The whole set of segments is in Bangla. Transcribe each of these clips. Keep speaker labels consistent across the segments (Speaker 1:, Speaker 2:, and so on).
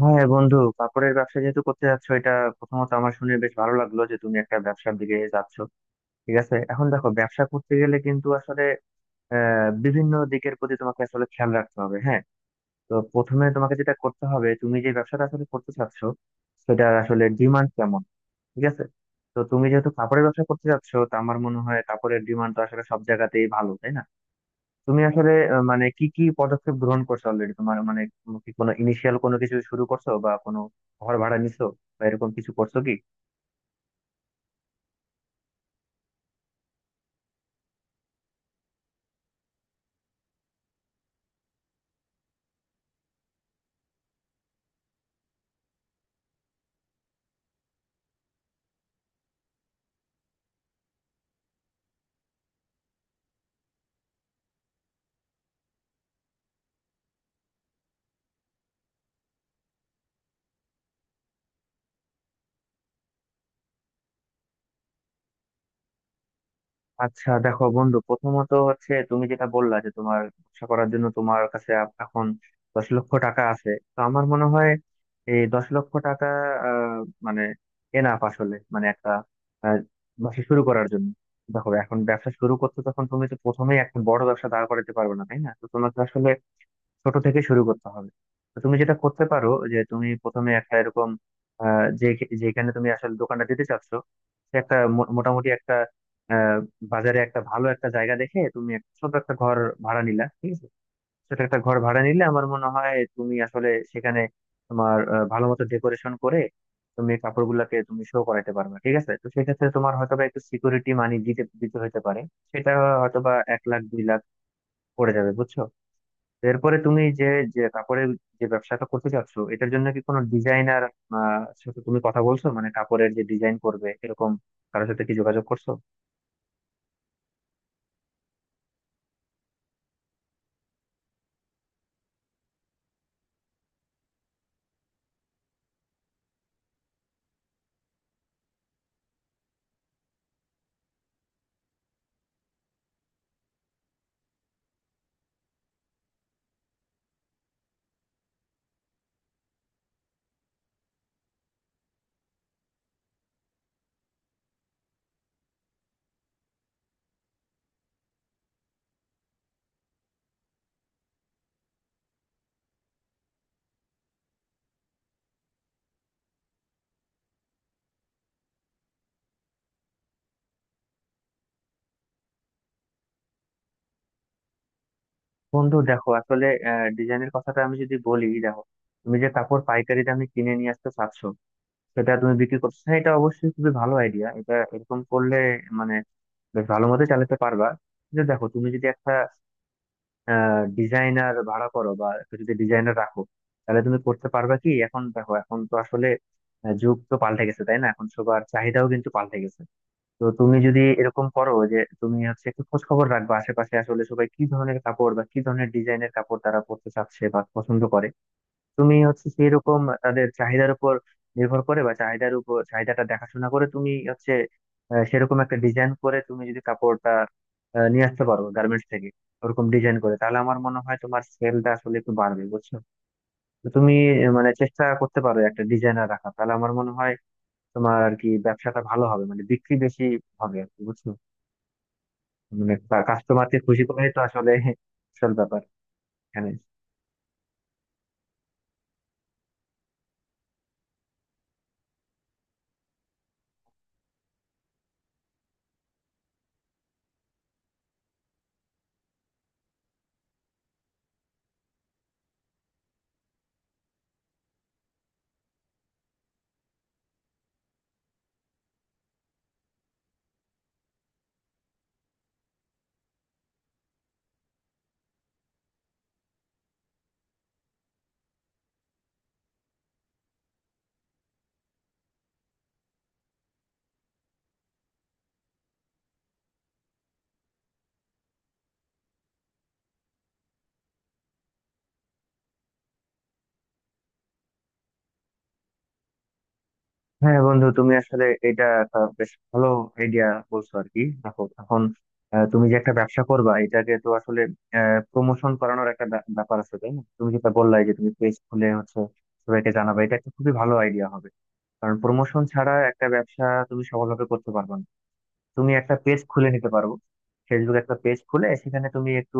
Speaker 1: হ্যাঁ বন্ধু, কাপড়ের ব্যবসা যেহেতু করতে যাচ্ছ, এটা প্রথমত আমার শুনে বেশ ভালো লাগলো যে তুমি একটা ব্যবসার দিকে যাচ্ছ। ঠিক আছে, এখন দেখো, ব্যবসা করতে গেলে কিন্তু আসলে বিভিন্ন দিকের প্রতি তোমাকে আসলে খেয়াল রাখতে হবে। হ্যাঁ, তো প্রথমে তোমাকে যেটা করতে হবে, তুমি যে ব্যবসাটা আসলে করতে চাচ্ছ সেটা আসলে ডিমান্ড কেমন। ঠিক আছে, তো তুমি যেহেতু কাপড়ের ব্যবসা করতে যাচ্ছ, তো আমার মনে হয় কাপড়ের ডিমান্ড তো আসলে সব জায়গাতেই ভালো, তাই না? তুমি আসলে মানে কি কি পদক্ষেপ গ্রহণ করছো অলরেডি? তোমার মানে তুমি কি কোনো ইনিশিয়াল কোনো কিছু শুরু করছো, বা কোনো ঘর ভাড়া নিছো, বা এরকম কিছু করছো কি? আচ্ছা দেখো বন্ধু, প্রথমত হচ্ছে তুমি যেটা বললা যে তোমার ব্যবসা করার জন্য তোমার কাছে এখন 10,00,000 টাকা আছে, তো আমার মনে হয় এই 10,00,000 টাকা আহ, মানে এনাফ আসলে, মানে একটা আহ, ব্যবসা শুরু করার জন্য। দেখো এখন ব্যবসা শুরু করতে তখন তুমি তো প্রথমেই একটা বড় ব্যবসা দাঁড় করাতে পারবে না, তাই না? তো তোমাকে আসলে ছোট থেকে শুরু করতে হবে। তো তুমি যেটা করতে পারো, যে তুমি প্রথমে একটা এরকম আহ, যে যেখানে তুমি আসলে দোকানটা দিতে চাচ্ছ, সে একটা মোটামুটি একটা আহ, বাজারে একটা ভালো একটা জায়গা দেখে তুমি একটা ছোট একটা ঘর ভাড়া নিলা। ঠিক আছে, ছোট একটা ঘর ভাড়া নিলে আমার মনে হয় তুমি আসলে সেখানে তোমার ভালো মতো ডেকোরেশন করে তুমি কাপড়গুলাকে তুমি শো করাতে পারবে। ঠিক আছে, তো সেক্ষেত্রে তোমার হয়তোবা একটু সিকিউরিটি মানি দিতে দিতে হতে পারে। সেটা হয়তোবা 1 লাখ 2 লাখ পড়ে যাবে, বুঝছো? এরপরে তুমি যে যে কাপড়ের, যে ব্যবসাটা করতে চাচ্ছ, এটার জন্য কি কোনো ডিজাইনার সাথে তুমি কথা বলছো, মানে কাপড়ের যে ডিজাইন করবে এরকম কারোর সাথে কি যোগাযোগ করছো? বন্ধু দেখো আসলে ডিজাইনের কথাটা আমি যদি বলি, দেখো তুমি যে কাপড় পাইকারি দামে কিনে নিয়ে আসতে চাচ্ছো সেটা তুমি বিক্রি করছো, হ্যাঁ, এটা অবশ্যই খুবই ভালো আইডিয়া। এটা এরকম করলে মানে বেশ ভালো মতো চালাতে পারবা। কিন্তু দেখো তুমি যদি একটা ডিজাইনার ভাড়া করো, বা একটু যদি ডিজাইনার রাখো, তাহলে তুমি করতে পারবে কি? এখন দেখো, এখন তো আসলে যুগ তো পাল্টে গেছে, তাই না? এখন সবার চাহিদাও কিন্তু পাল্টে গেছে। তো তুমি যদি এরকম করো যে তুমি হচ্ছে একটু খোঁজ খবর রাখবে আশেপাশে, আসলে সবাই কি ধরনের কাপড় বা কি ধরনের ডিজাইনের কাপড় তারা পরতে চাচ্ছে বা পছন্দ করে, তুমি হচ্ছে সেই রকম তাদের চাহিদার উপর নির্ভর করে, বা চাহিদার উপর চাহিদাটা দেখাশোনা করে তুমি হচ্ছে সেরকম একটা ডিজাইন করে তুমি যদি কাপড়টা নিয়ে আসতে পারো গার্মেন্টস থেকে ওরকম ডিজাইন করে, তাহলে আমার মনে হয় তোমার সেলটা আসলে একটু বাড়বে, বুঝছো? তো তুমি মানে চেষ্টা করতে পারো একটা ডিজাইনার রাখা, তাহলে আমার মনে হয় তোমার আর কি ব্যবসাটা ভালো হবে, মানে বিক্রি বেশি হবে আর কি, বুঝছো? মানে কাস্টমারকে খুশি করাই তো আসলে আসল ব্যাপার এখানে। হ্যাঁ বন্ধু, তুমি আসলে এটা একটা বেশ ভালো আইডিয়া বলছো আর কি। দেখো এখন তুমি যে একটা ব্যবসা করবা, এটাকে তো আসলে প্রমোশন করানোর একটা ব্যাপার আছে, তাই না? তুমি যেটা বললাই যে তুমি পেজ খুলে হচ্ছে সবাইকে জানাবে, এটা একটা খুবই ভালো আইডিয়া হবে। কারণ প্রমোশন ছাড়া একটা ব্যবসা তুমি সফলভাবে করতে পারবে না। তুমি একটা পেজ খুলে নিতে পারো, ফেসবুক একটা পেজ খুলে সেখানে তুমি একটু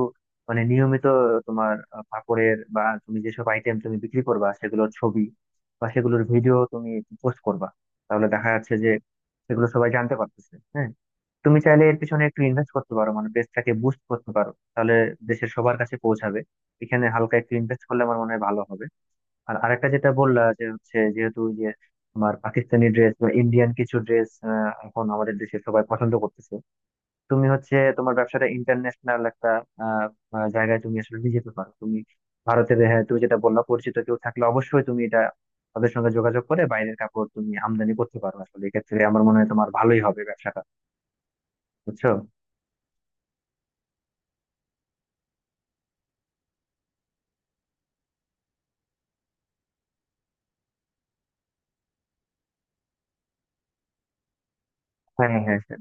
Speaker 1: মানে নিয়মিত তোমার কাপড়ের বা তুমি যেসব আইটেম তুমি বিক্রি করবা সেগুলোর ছবি বা সেগুলোর ভিডিও তুমি পোস্ট করবা। তাহলে দেখা যাচ্ছে যে সেগুলো সবাই জানতে পারতেছে। হ্যাঁ, তুমি চাইলে এর পিছনে একটু ইনভেস্ট করতে পারো, মানে পেজটাকে বুস্ট করতে পারো, তাহলে দেশের সবার কাছে পৌঁছাবে। এখানে হালকা একটু ইনভেস্ট করলে আমার মনে হয় ভালো হবে। আর আরেকটা যেটা বললা, যে হচ্ছে যেহেতু ওই যে তোমার পাকিস্তানি ড্রেস বা ইন্ডিয়ান কিছু ড্রেস এখন আমাদের দেশে সবাই পছন্দ করতেছে, তুমি হচ্ছে তোমার ব্যবসাটা ইন্টারন্যাশনাল একটা আহ, জায়গায় তুমি আসলে নিয়ে যেতে পারো। তুমি ভারতের, হ্যাঁ তুমি যেটা বললা পরিচিত কেউ থাকলে অবশ্যই তুমি এটা তাদের সঙ্গে যোগাযোগ করে বাইরের কাপড় তুমি আমদানি করতে পারো আসলে। এক্ষেত্রে আমার মনে হয় তোমার ভালোই হবে ব্যবসাটা, বুঝছো? হ্যাঁ, হ্যাঁ, হ্যাঁ।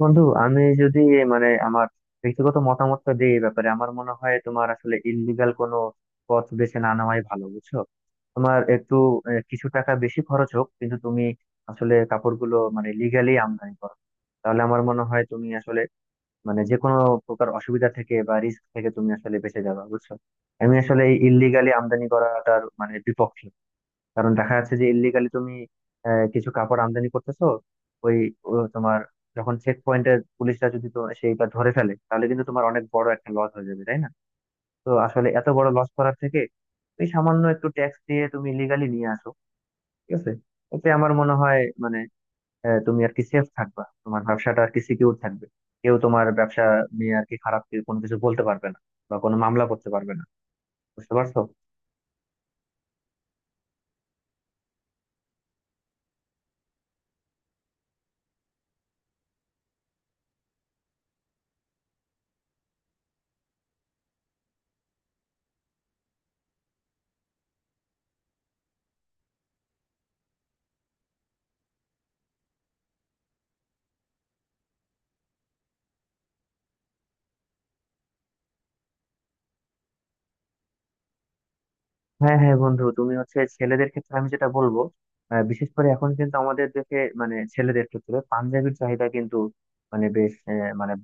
Speaker 1: বন্ধু আমি যদি মানে আমার ব্যক্তিগত মতামতটা দিই এই ব্যাপারে, আমার মনে হয় তোমার আসলে ইললিগাল কোনো পথ বেছে না নেওয়াই ভালো, বুঝছো? তোমার একটু কিছু টাকা বেশি খরচ হোক, কিন্তু তুমি আসলে কাপড়গুলো মানে লিগালি আমদানি করো, তাহলে আমার মনে হয় তুমি আসলে মানে যে কোনো প্রকার অসুবিধা থেকে বা রিস্ক থেকে তুমি আসলে বেঁচে যাবে, বুঝছো? আমি আসলে এই ইললিগালি আমদানি করাটার মানে বিপক্ষে। কারণ দেখা যাচ্ছে যে ইল্লিগালি তুমি কিছু কাপড় আমদানি করতেছো, ওই ও তোমার যখন চেক পয়েন্টে পুলিশরা যদি তো সেইটা ধরে ফেলে, তাহলে কিন্তু তোমার অনেক বড় একটা লস হয়ে যাবে, তাই না? তো আসলে এত বড় লস করার থেকে এই সামান্য একটু ট্যাক্স দিয়ে তুমি লিগালি নিয়ে আসো, ঠিক আছে? এতে আমার মনে হয় মানে তুমি আর কি সেফ থাকবা, তোমার ব্যবসাটা আর কি সিকিউর থাকবে। কেউ তোমার ব্যবসা নিয়ে আর কি খারাপ কোনো কিছু বলতে পারবে না, বা কোনো মামলা করতে পারবে না। বুঝতে পারছো? হ্যাঁ, হ্যাঁ বন্ধু, তুমি হচ্ছে ছেলেদের ক্ষেত্রে আমি যেটা বলবো, বিশেষ করে এখন কিন্তু আমাদের দেশে মানে ছেলেদের ক্ষেত্রে পাঞ্জাবির চাহিদা কিন্তু মানে বেশ মানে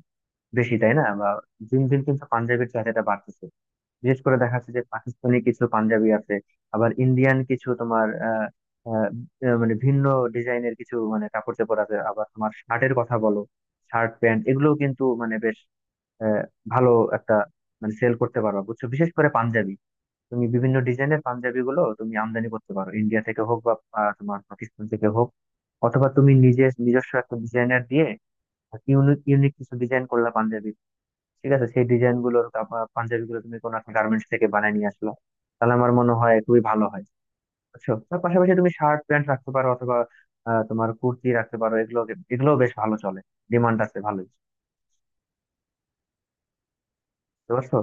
Speaker 1: বেশি, তাই না? বা দিন দিন কিন্তু পাঞ্জাবির চাহিদাটা বাড়তেছে। বিশেষ করে দেখা যাচ্ছে যে পাকিস্তানি কিছু পাঞ্জাবি আছে, আবার ইন্ডিয়ান কিছু তোমার আহ আহ, আহ, মানে ভিন্ন ডিজাইনের কিছু মানে কাপড় চোপড় আছে। আবার তোমার শার্টের কথা বলো, শার্ট প্যান্ট এগুলোও কিন্তু মানে বেশ আহ, ভালো একটা মানে সেল করতে পারবা, বুঝছো? বিশেষ করে পাঞ্জাবি, তুমি বিভিন্ন ডিজাইনের পাঞ্জাবি গুলো তুমি আমদানি করতে পারো ইন্ডিয়া থেকে হোক, বা তোমার পাকিস্তান থেকে হোক, অথবা তুমি নিজে নিজস্ব একটা ডিজাইনার দিয়ে ইউনিক ইউনিক কিছু ডিজাইন করলা পাঞ্জাবি। ঠিক আছে, সেই ডিজাইন গুলোর পাঞ্জাবি গুলো তুমি কোনো একটা গার্মেন্টস থেকে বানিয়ে নিয়ে আসলা, তাহলে আমার মনে হয় খুবই ভালো হয়, বুঝছো? তার পাশাপাশি তুমি শার্ট প্যান্ট রাখতে পারো, অথবা তোমার কুর্তি রাখতে পারো। এগুলো এগুলো বেশ ভালো চলে, ডিমান্ড আছে ভালোই। বুঝতে পারছো?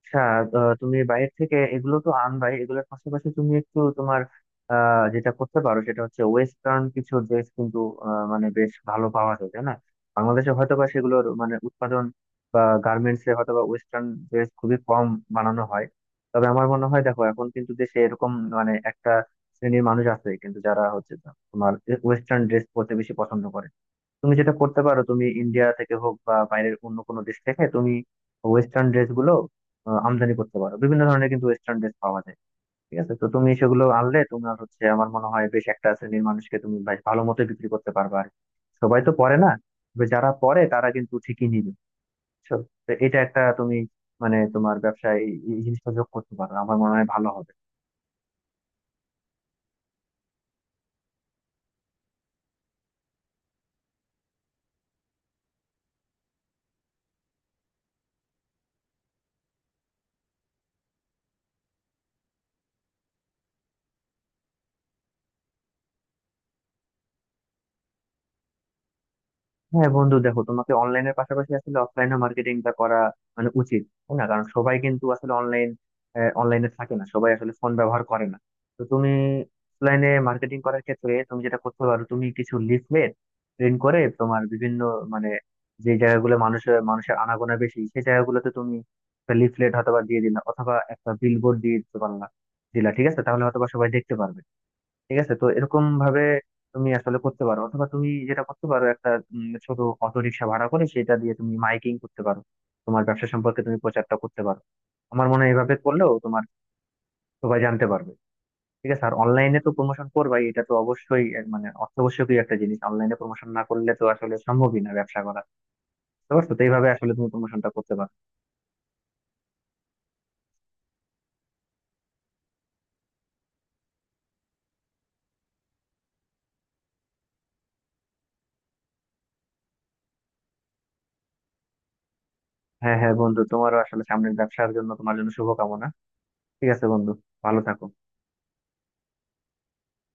Speaker 1: আচ্ছা, তুমি বাইরে থেকে এগুলো তো আনবাই, এগুলোর পাশাপাশি তুমি একটু তোমার যেটা করতে পারো, সেটা হচ্ছে ওয়েস্টার্ন কিছু ড্রেস কিন্তু মানে বেশ ভালো পাওয়া যায়, তাই না? বাংলাদেশে হয়তো বা সেগুলোর মানে উৎপাদন বা গার্মেন্টস এ হয়তো বা ওয়েস্টার্ন ড্রেস খুবই কম বানানো হয়। তবে আমার মনে হয় দেখো এখন কিন্তু দেশে এরকম মানে একটা শ্রেণীর মানুষ আছে কিন্তু, যারা হচ্ছে তোমার ওয়েস্টার্ন ড্রেস পরতে বেশি পছন্দ করে। তুমি যেটা করতে পারো, তুমি ইন্ডিয়া থেকে হোক বা বাইরের অন্য কোনো দেশ থেকে তুমি ওয়েস্টার্ন ড্রেস গুলো আমদানি করতে পারো। বিভিন্ন ধরনের কিন্তু ওয়েস্টার্ন ড্রেস পাওয়া যায়, ঠিক আছে? তো তুমি সেগুলো আনলে তোমার হচ্ছে আমার মনে হয় বেশ একটা শ্রেণীর মানুষকে তুমি বেশ ভালো মতো বিক্রি করতে পারবে আর কি। সবাই তো পরে না, তবে যারা পরে তারা কিন্তু ঠিকই নিবে, বুঝছো? তো এটা একটা তুমি মানে তোমার ব্যবসায় এই এই জিনিসটা যোগ করতে পারো, আমার মনে হয় ভালো হবে। হ্যাঁ বন্ধু, দেখো, তোমাকে অনলাইনের পাশাপাশি আসলে অফলাইনে মার্কেটিংটা করা মানে উচিত, তাই না? কারণ সবাই কিন্তু আসলে অনলাইনে থাকে না, সবাই আসলে ফোন ব্যবহার করে না। তো তুমি অফলাইনে মার্কেটিং করার ক্ষেত্রে তুমি যেটা করতে পারো, তুমি কিছু লিফলেট প্রিন্ট করে তোমার বিভিন্ন মানে যে জায়গাগুলো মানুষের মানুষের আনাগোনা বেশি সেই জায়গাগুলোতে তুমি লিফলেট হয়তো বা দিয়ে দিলা, অথবা একটা বিলবোর্ড দিয়ে দিতে পারলা দিলা। ঠিক আছে, তাহলে হয়তো বা সবাই দেখতে পারবে। ঠিক আছে, তো এরকম ভাবে তুমি আসলে করতে পারো, অথবা তুমি যেটা করতে পারো একটা ছোট অটো রিক্সা ভাড়া করে সেটা দিয়ে তুমি মাইকিং করতে পারো, তোমার ব্যবসা সম্পর্কে তুমি প্রচারটা করতে পারো। আমার মনে হয় এভাবে করলেও তোমার সবাই জানতে পারবে। ঠিক আছে, আর অনলাইনে তো প্রমোশন করবাই, এটা তো অবশ্যই, এর মানে অত্যাবশ্যকীয় একটা জিনিস। অনলাইনে প্রমোশন না করলে তো আসলে সম্ভবই না ব্যবসা করা। বুঝতে পারছো? তো এইভাবে আসলে তুমি প্রমোশনটা করতে পারো। হ্যাঁ, হ্যাঁ বন্ধু, তোমারও আসলে সামনের ব্যবসার জন্য তোমার জন্য শুভকামনা। ঠিক আছে বন্ধু, ভালো থাকো।